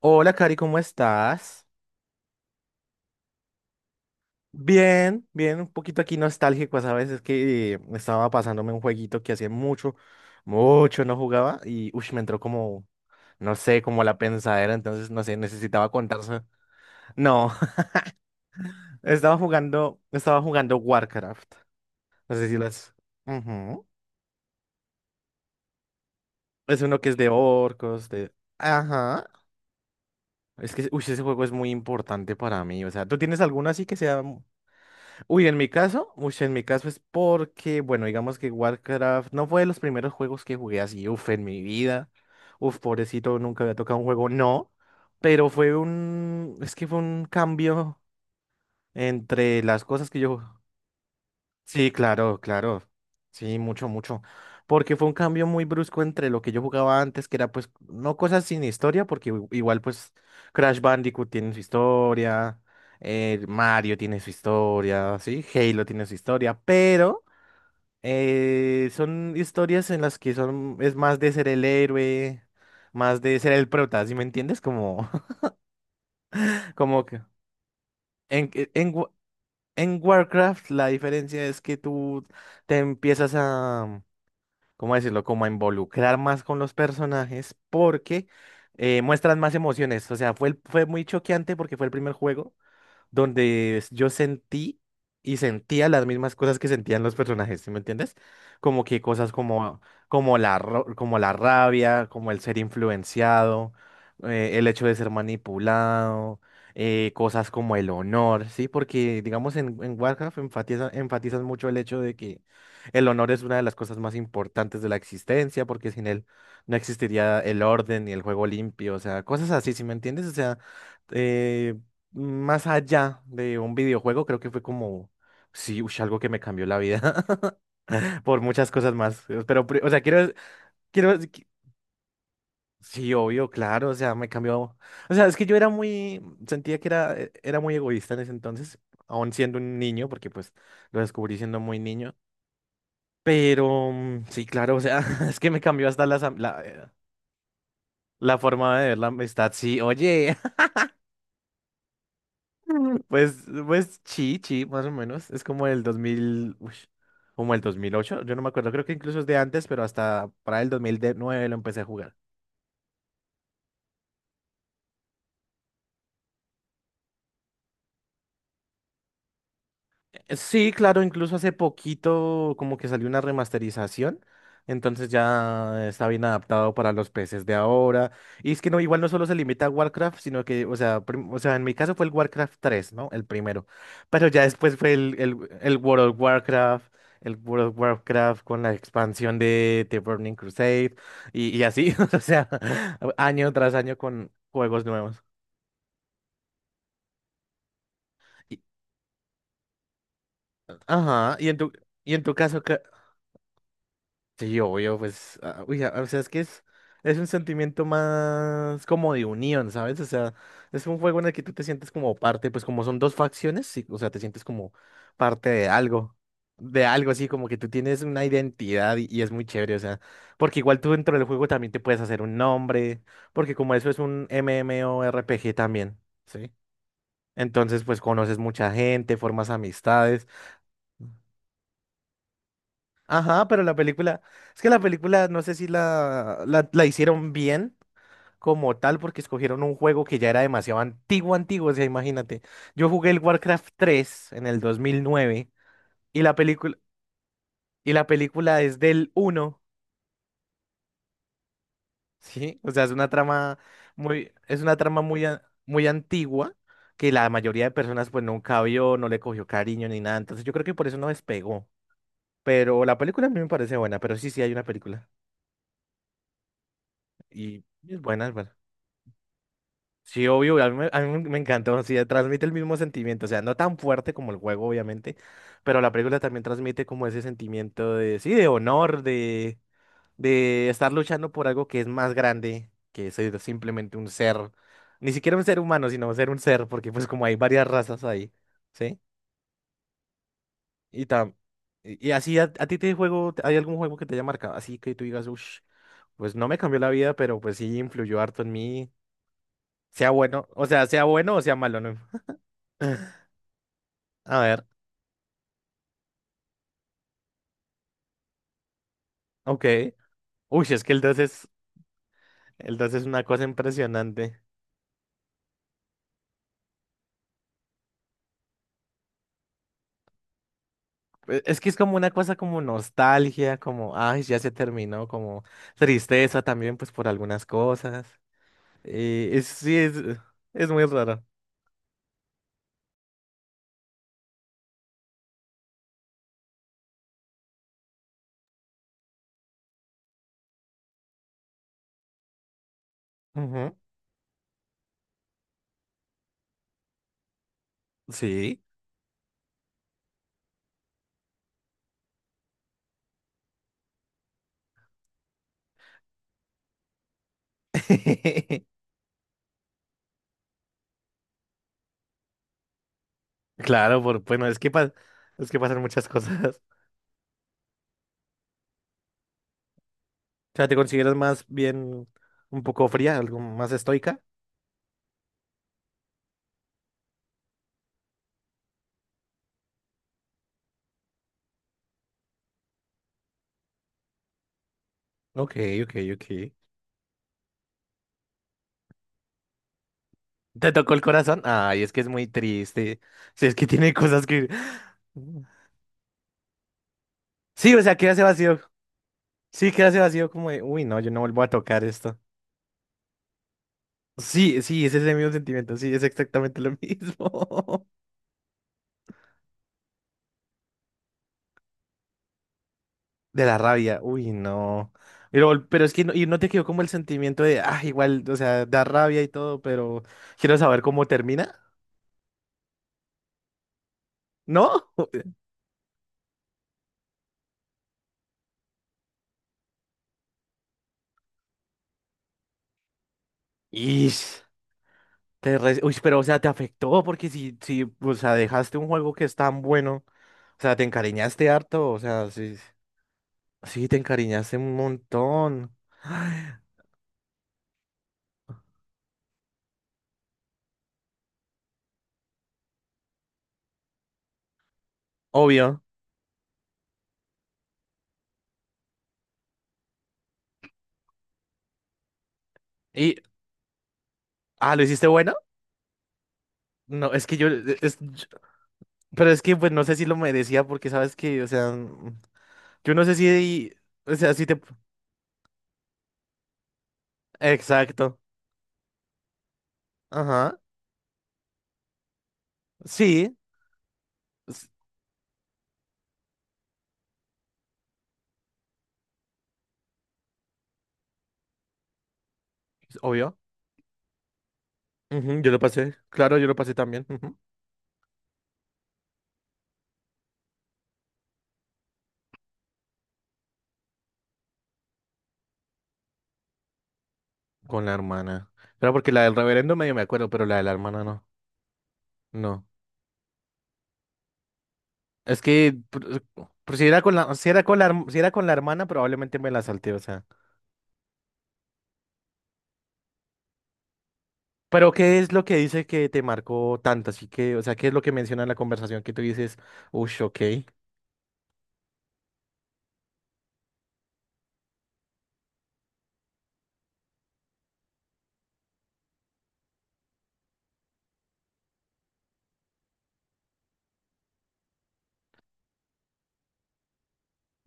Hola, Cari, ¿cómo estás? Bien, bien, un poquito aquí nostálgico, ¿sabes? Es que estaba pasándome un jueguito que hacía mucho, mucho no jugaba y uy, me entró como, no sé, como la pensadera, entonces no sé, necesitaba contarse. No. Estaba jugando Warcraft. No sé si lo has. Ujú. Es uno que es de orcos, de. Ajá. Es que uy, ese juego es muy importante para mí. O sea, ¿tú tienes alguno así que sea? Uy, en mi caso es porque, bueno, digamos que Warcraft no fue de los primeros juegos que jugué así, uf, en mi vida. Uf, pobrecito, nunca había tocado un juego, no. Pero es que fue un cambio entre las cosas que yo. Sí, claro, claro. Sí, mucho, mucho. Porque fue un cambio muy brusco entre lo que yo jugaba antes, que era pues, no cosas sin historia, porque igual pues Crash Bandicoot tiene su historia, Mario tiene su historia, sí, Halo tiene su historia, pero son historias en las que son, es más de ser el héroe, más de ser el prota, ¿sí me entiendes? Como, como que en, en, Wa- en Warcraft la diferencia es que tú te empiezas a, ¿cómo decirlo? Como a involucrar más con los personajes porque muestran más emociones. O sea, fue muy choqueante porque fue el primer juego donde yo sentí y sentía las mismas cosas que sentían los personajes, ¿sí me entiendes? Como que cosas como, como la rabia, como el ser influenciado, el hecho de ser manipulado, cosas como el honor, ¿sí? Porque, digamos, en Warcraft enfatizan mucho el hecho de que el honor es una de las cosas más importantes de la existencia, porque sin él no existiría el orden ni el juego limpio, o sea, cosas así, ¿sí me entiendes? O sea, eh, más allá de un videojuego, creo que fue como, sí, ush, algo que me cambió la vida por muchas cosas más. Pero, o sea, quiero, qui- sí, obvio, claro, o sea, me cambió. O sea, es que yo era muy, sentía que era, era muy egoísta en ese entonces, aún siendo un niño, porque pues lo descubrí siendo muy niño. Pero, sí, claro, o sea, es que me cambió hasta la forma de ver la amistad. Sí, oye. Pues, pues, sí, sí, más o menos. Es como el 2000, uy, como el 2008. Yo no me acuerdo, creo que incluso es de antes, pero hasta para el 2009 lo empecé a jugar. Sí, claro, incluso hace poquito como que salió una remasterización, entonces ya está bien adaptado para los PCs de ahora. Y es que no, igual no solo se limita a Warcraft, sino que, o sea, o sea, en mi caso fue el Warcraft 3, ¿no? El primero. Pero ya después fue el World of Warcraft, con la expansión de The Burning Crusade y así, o sea, año tras año con juegos nuevos. Y- ajá, y en y en tu caso. Sí, obvio, pues, ah, uy, ah, o sea, es un sentimiento más como de unión, ¿sabes? O sea, es un juego en el que tú te sientes como parte, pues como son dos facciones, sí, o sea, te sientes como parte de algo así, como que tú tienes una identidad y es muy chévere, o sea, porque igual tú dentro del juego también te puedes hacer un nombre, porque como eso es un MMORPG también, ¿sí? Entonces, pues conoces mucha gente, formas amistades. Ajá, pero la película, es que la película no sé si la hicieron bien como tal porque escogieron un juego que ya era demasiado antiguo, antiguo, o sea, imagínate. Yo jugué el Warcraft 3 en el 2009 y la película y la película es del uno, ¿sí? O sea, es una trama muy antigua que la mayoría de personas pues nunca vio, no le cogió cariño ni nada, entonces yo creo que por eso no despegó. Pero la película a mí me parece buena, pero sí, sí hay una película y es buena, es buena. Sí, obvio, a mí me encantó, sí, transmite el mismo sentimiento, o sea, no tan fuerte como el juego, obviamente, pero la película también transmite como ese sentimiento de, sí, de honor, de estar luchando por algo que es más grande que ser simplemente un ser, ni siquiera un ser humano, sino ser un ser, porque pues como hay varias razas ahí, ¿sí? Y, tam- y así, a ti te juego, ¿hay algún juego que te haya marcado? Así que tú digas, uff, pues no me cambió la vida, pero pues sí influyó harto en mí, sea bueno, o sea, sea bueno o sea malo, ¿no? A ver, ok. Uy, es que el 2 es una cosa impresionante. Es que es como una cosa como nostalgia, como, ay, ya se terminó, como tristeza también, pues por algunas cosas. Sí, es muy raro. Ujú. Sí. Claro, por, bueno, es que, es que pasan muchas cosas. O sea, ¿te consideras más bien un poco fría, algo más estoica? Ok, ok, ok. ¿Te tocó el corazón? Ay, es que es muy triste. Sí, es que tiene cosas que. Sí, o sea, queda ese vacío. Sí, queda ese vacío como de, uy, no, yo no vuelvo a tocar esto. Sí, sí, es ese mismo sentimiento, sí, es exactamente lo mismo. De la rabia, uy, no. Pero es que no, y no te quedó como el sentimiento de, ah, igual, o sea, da rabia y todo, pero quiero saber cómo termina, ¿no? Ish, uy, pero, o sea, te afectó porque si, o sea, dejaste un juego que es tan bueno. O sea, te encariñaste harto, o sea, sí, sí, te encariñaste un montón. Ay, obvio. Y, ah, ¿lo hiciste bueno? No, es que yo, yo. Pero es que, pues, no sé si lo merecía porque, ¿sabes que, O sea, yo no sé si, o sea, si te, exacto. Ajá, sí, es- es obvio. Ujú, yo lo pasé, claro, yo lo pasé también, ujú. Con la hermana. Pero porque la del reverendo medio me acuerdo, pero la de la hermana no. No. Es que si era con si era con si era con la hermana, probablemente me la salté, o sea. Pero, ¿qué es lo que dice que te marcó tanto? Así que, o sea, ¿qué es lo que menciona en la conversación que tú dices, ush, ok,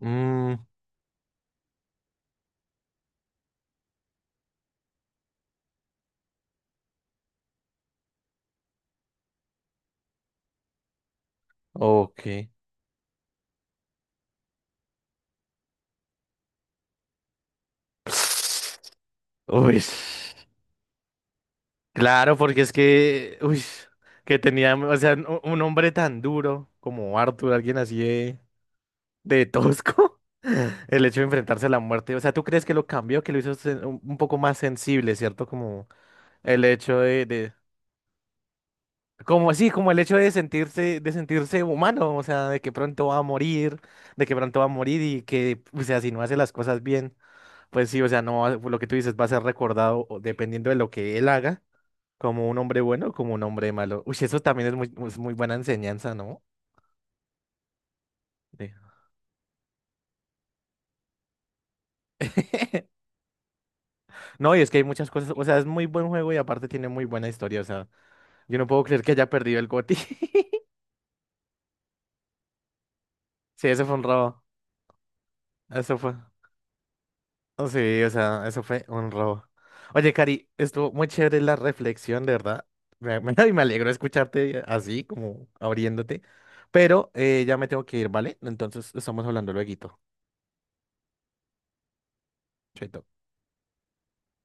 mm, ok? Uy, claro, porque es que, uy, que tenía, o sea, un hombre tan duro como Arthur, alguien así de tosco, el hecho de enfrentarse a la muerte, o sea, ¿tú crees que lo cambió, que lo hizo un poco más sensible, ¿cierto? Como el hecho como sí, como el hecho de sentirse humano, o sea, de que pronto va a morir y que, o sea, si no hace las cosas bien, pues sí, o sea, no, lo que tú dices va a ser recordado o dependiendo de lo que él haga, como un hombre bueno o como un hombre malo. Uy, eso también es muy buena enseñanza, ¿no? De. No, y es que hay muchas cosas, o sea, es muy buen juego y aparte tiene muy buena historia, o sea, yo no puedo creer que haya perdido el GOTY. Sí, eso fue un robo, eso fue. Oh, sí, o sea, eso fue un robo. Oye, Cari, estuvo muy chévere la reflexión, de verdad. Y me alegro escucharte así, como abriéndote. Pero ya me tengo que ir, ¿vale? Entonces estamos hablando lueguito. Chaito.